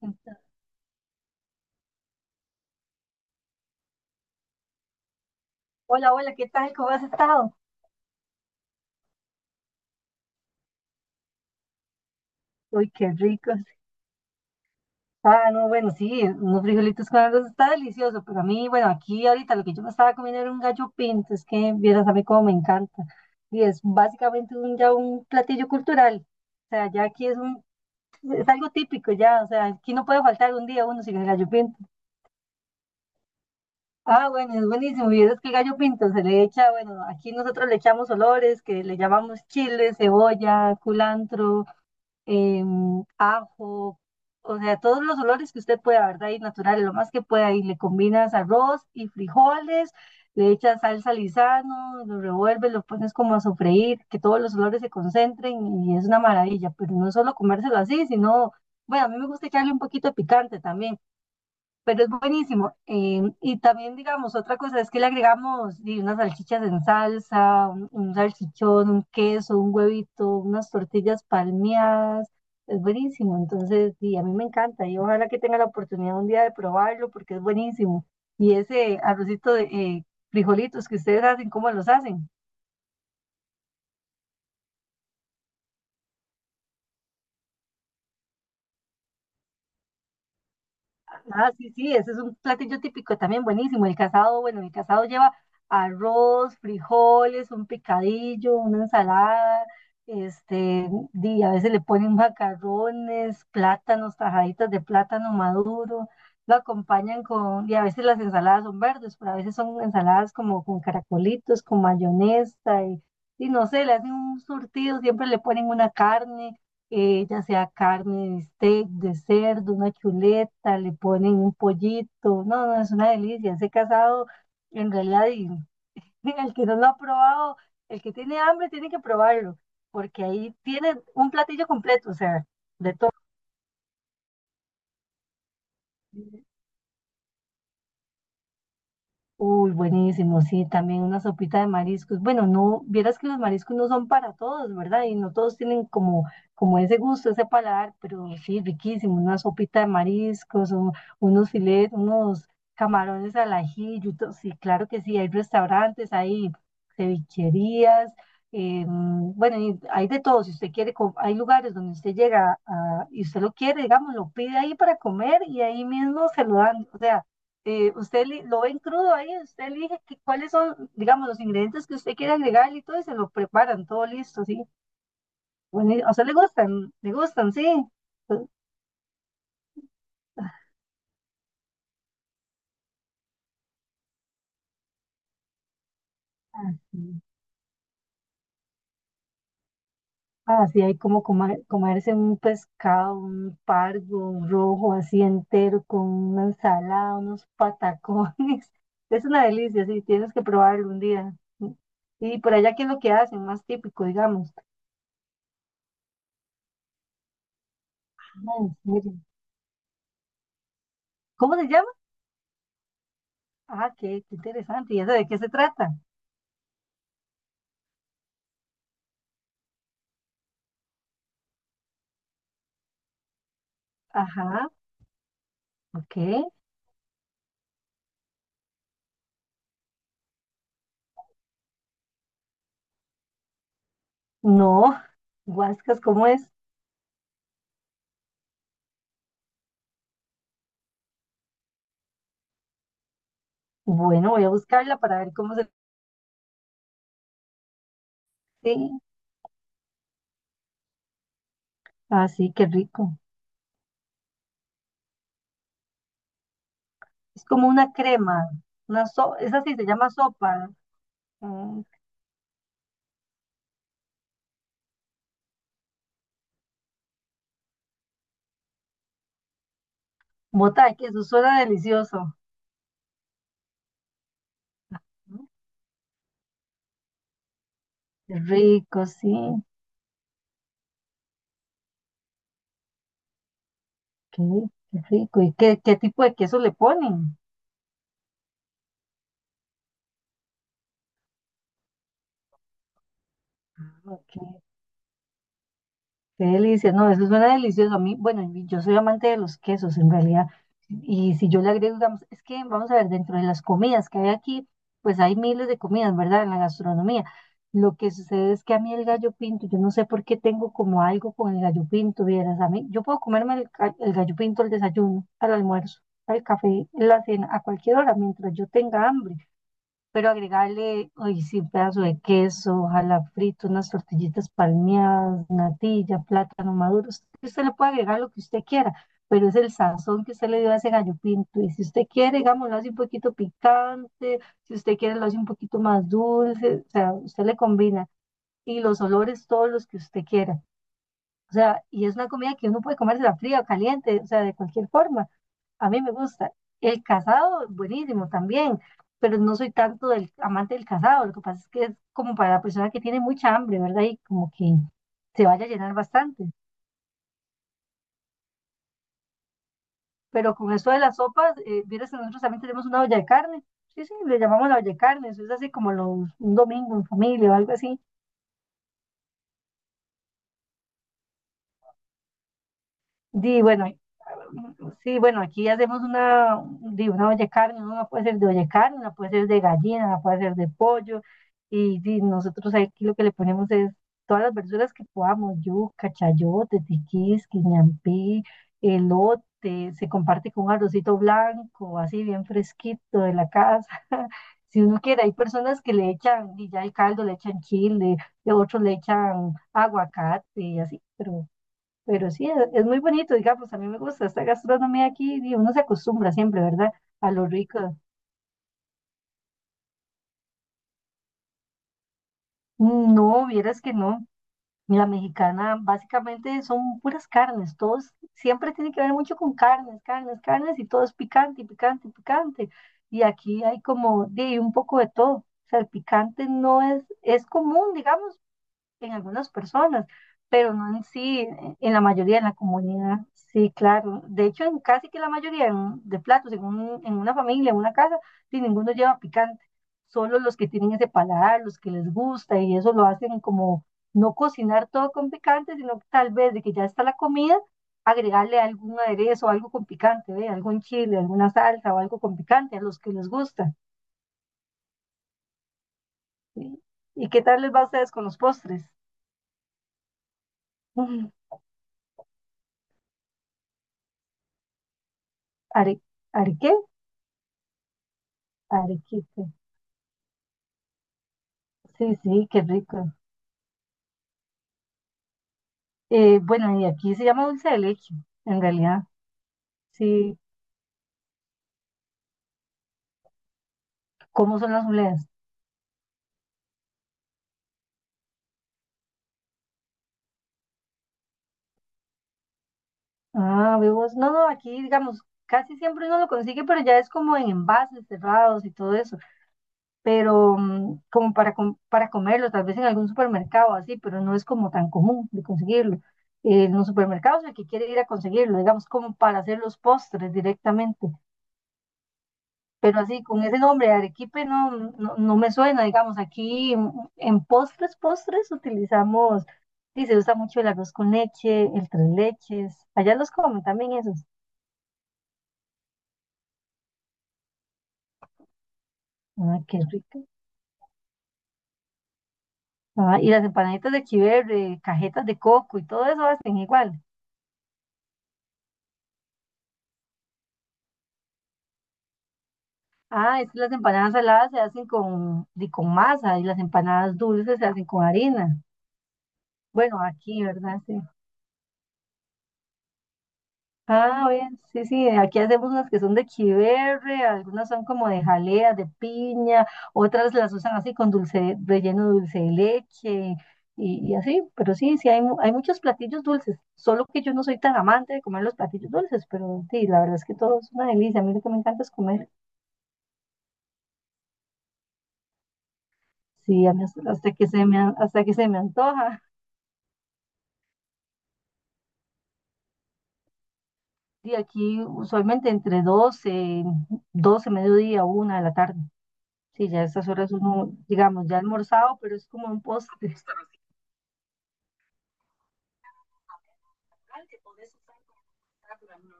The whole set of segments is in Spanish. Entonces, hola, hola, ¿qué tal? ¿Cómo has estado? Uy, qué ricos. Ah, no, bueno, sí, unos frijolitos con arroz está delicioso, pero a mí, bueno, aquí ahorita lo que yo me estaba comiendo era un gallo pinto, es que vieras a mí cómo me encanta. Y es básicamente ya un platillo cultural. O sea, ya aquí es un, es algo típico ya, o sea, aquí no puede faltar un día uno sin el gallo pinto. Ah, bueno, es buenísimo. Y es que el gallo pinto se le echa, bueno, aquí nosotros le echamos olores, que le llamamos chile, cebolla, culantro. Ajo, o sea, todos los olores que usted pueda, ¿verdad? Y naturales, lo más que pueda. Y le combinas arroz y frijoles, le echas salsa lisano, lo revuelves, lo pones como a sofreír, que todos los olores se concentren y es una maravilla. Pero no solo comérselo así, sino, bueno, a mí me gusta echarle un poquito de picante también, pero es buenísimo. Y también, digamos, otra cosa es que le agregamos di, unas salchichas en salsa, un salchichón, un queso, un huevito, unas tortillas palmeadas. Es buenísimo. Entonces, sí, a mí me encanta y ojalá que tenga la oportunidad un día de probarlo porque es buenísimo. Y ese arrocito de frijolitos que ustedes hacen, ¿cómo los hacen? Ah, sí, sí, ese es un platillo típico también buenísimo. El casado, bueno, el casado lleva arroz, frijoles, un picadillo, una ensalada, este, y a veces le ponen macarrones, plátanos, tajaditas de plátano maduro, lo acompañan con, y a veces las ensaladas son verdes, pero a veces son ensaladas como con caracolitos, con mayonesa, y no sé, le hacen un surtido, siempre le ponen una carne ya sea carne de steak, de cerdo, una chuleta, le ponen un pollito. No, no, es una delicia. Ese casado, en realidad, y el que no lo ha probado, el que tiene hambre tiene que probarlo, porque ahí tiene un platillo completo, o sea, de todo. Uy, buenísimo, sí, también una sopita de mariscos. Bueno, no, vieras que los mariscos no son para todos, ¿verdad? Y no todos tienen como, como ese gusto, ese paladar, pero sí, riquísimo, una sopita de mariscos, o unos filetes, unos camarones al ajillo, sí, claro que sí, hay restaurantes, hay cevicherías, bueno, y hay de todo, si usted quiere, hay lugares donde usted llega y usted lo quiere, digamos, lo pide ahí para comer y ahí mismo se lo dan, o sea usted lo ven crudo ahí, usted elige cuáles son, digamos, los ingredientes que usted quiere agregar y todo, y se lo preparan, todo listo, sí. Bueno, y a usted le gustan, sí. Pues, ah, sí. Ah, sí, hay como comerse un pescado, un pargo, un rojo así entero, con una ensalada, unos patacones. Es una delicia, sí, tienes que probarlo un día. Y por allá, ¿qué es lo que hacen? Más típico, digamos. Ah, en serio. ¿Cómo se llama? Ah, qué, qué interesante. ¿Y eso de qué se trata? Ajá, ok. No, huascas, ¿cómo es? Bueno, voy a buscarla para ver cómo se... Sí, así, qué rico. Es como una crema, una so, esa sí se llama sopa. Mm. Bota de queso, suena delicioso. Mm. Qué rico, sí, qué, qué rico. ¿Y qué, qué tipo de queso le ponen? Ah, ok. Qué delicia, no, eso suena delicioso a mí. Bueno, y yo soy amante de los quesos en realidad. Y si yo le agrego, digamos, es que vamos a ver, dentro de las comidas que hay aquí, pues hay miles de comidas, ¿verdad? En la gastronomía. Lo que sucede es que a mí el gallo pinto, yo no sé por qué tengo como algo con el gallo pinto, vieras, a mí, yo puedo comerme el, el gallo pinto al desayuno, al almuerzo, al café, en la cena, a cualquier hora, mientras yo tenga hambre, pero agregarle, hoy sí, un pedazo de queso, ojalá frito, unas tortillitas palmeadas, natilla, plátano maduro. Usted le puede agregar lo que usted quiera, pero es el sazón que usted le dio a ese gallo pinto. Y si usted quiere, digamos, lo hace un poquito picante, si usted quiere, lo hace un poquito más dulce, o sea, usted le combina. Y los olores, todos los que usted quiera. O sea, y es una comida que uno puede comérsela fría o caliente, o sea, de cualquier forma. A mí me gusta. El casado, buenísimo también, pero no soy tanto del amante del casado. Lo que pasa es que es como para la persona que tiene mucha hambre, ¿verdad? Y como que se vaya a llenar bastante. Pero con eso de las sopas, vieras que nosotros también tenemos una olla de carne. Sí, sí, le llamamos la olla de carne. Eso es así como los, un domingo en familia o algo así. Di, bueno, sí, bueno, aquí hacemos una, di, una olla de carne, ¿no? Una puede ser de olla de carne, una puede ser de gallina, una puede ser de pollo, y di, nosotros aquí lo que le ponemos es todas las verduras que podamos, yuca, chayote, tiquís, quinampí, elote, se comparte con un arrocito blanco, así bien fresquito de la casa. Si uno quiere, hay personas que le echan, y ya el caldo le echan chile, y otros le echan aguacate y así, pero sí, es muy bonito, digamos, a mí me gusta esta gastronomía aquí y uno se acostumbra siempre, ¿verdad? A lo rico. Mm, no, vieras que no. La mexicana básicamente son puras carnes, todos siempre tiene que ver mucho con carnes, carnes, carnes y todo es picante, y picante, y picante. Y aquí hay como de un poco de todo. O sea, el picante no es, es común, digamos, en algunas personas, pero no en sí, en la mayoría de la comunidad. Sí, claro. De hecho, en casi que la mayoría de platos, en, en una familia, en una casa, sí, ninguno lleva picante. Solo los que tienen ese paladar, los que les gusta, y eso lo hacen como no cocinar todo con picante, sino tal vez de que ya está la comida, agregarle algún aderezo, algo con picante, ¿ve? Algún chile, alguna salsa o algo con picante a los que les gusta. ¿Sí? ¿Y qué tal les va a ustedes con los postres? ¿Are, are qué? Arequipe. Sí, sí, qué rico. Bueno, y aquí se llama dulce de leche, en realidad. Sí, ¿cómo son las obleas? Ah, vemos. No, no, aquí, digamos, casi siempre uno lo consigue, pero ya es como en envases cerrados y todo eso. Pero como para, para comerlo, tal vez en algún supermercado así, pero no es como tan común de conseguirlo. En los supermercados el que quiere ir a conseguirlo, digamos, como para hacer los postres directamente. Pero así, con ese nombre, arequipe, no, no, no me suena, digamos, aquí en postres, postres utilizamos, sí, se usa mucho el arroz con leche, el tres leches, allá los comen también esos, ay, qué rico. Ah, y las empanaditas de chiverre, cajetas de coco y todo eso hacen igual. Ah, es que las empanadas saladas se hacen con, con masa y las empanadas dulces se hacen con harina. Bueno, aquí, ¿verdad? Sí. Ah, bien, sí, sí, aquí hacemos unas que son de chiverre, algunas son como de jalea, de piña, otras las usan así con dulce, relleno de dulce de leche y así, pero sí, sí, hay, hay muchos platillos dulces, solo que yo no soy tan amante de comer los platillos dulces, pero sí, la verdad es que todo es una delicia, a mí lo que me encanta es comer, sí, a mí hasta, hasta que se me, hasta que se me antoja, y aquí usualmente entre 12, 12, mediodía, una de la tarde. Sí, ya a estas horas uno, digamos, ya ha almorzado, pero es como un postre.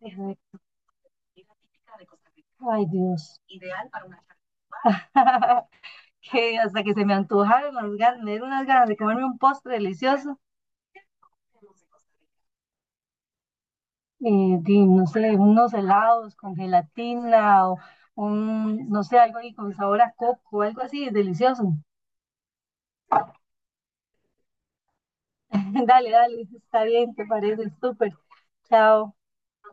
Exacto, ay, Dios. Que hasta que se me antojaron las ganas, me dieron unas ganas de comerme un postre delicioso. Y, di, no sé, unos helados con gelatina o un, no sé, algo ahí con sabor a coco, algo así, delicioso. Dale, dale, está bien, te parece, súper. Chao.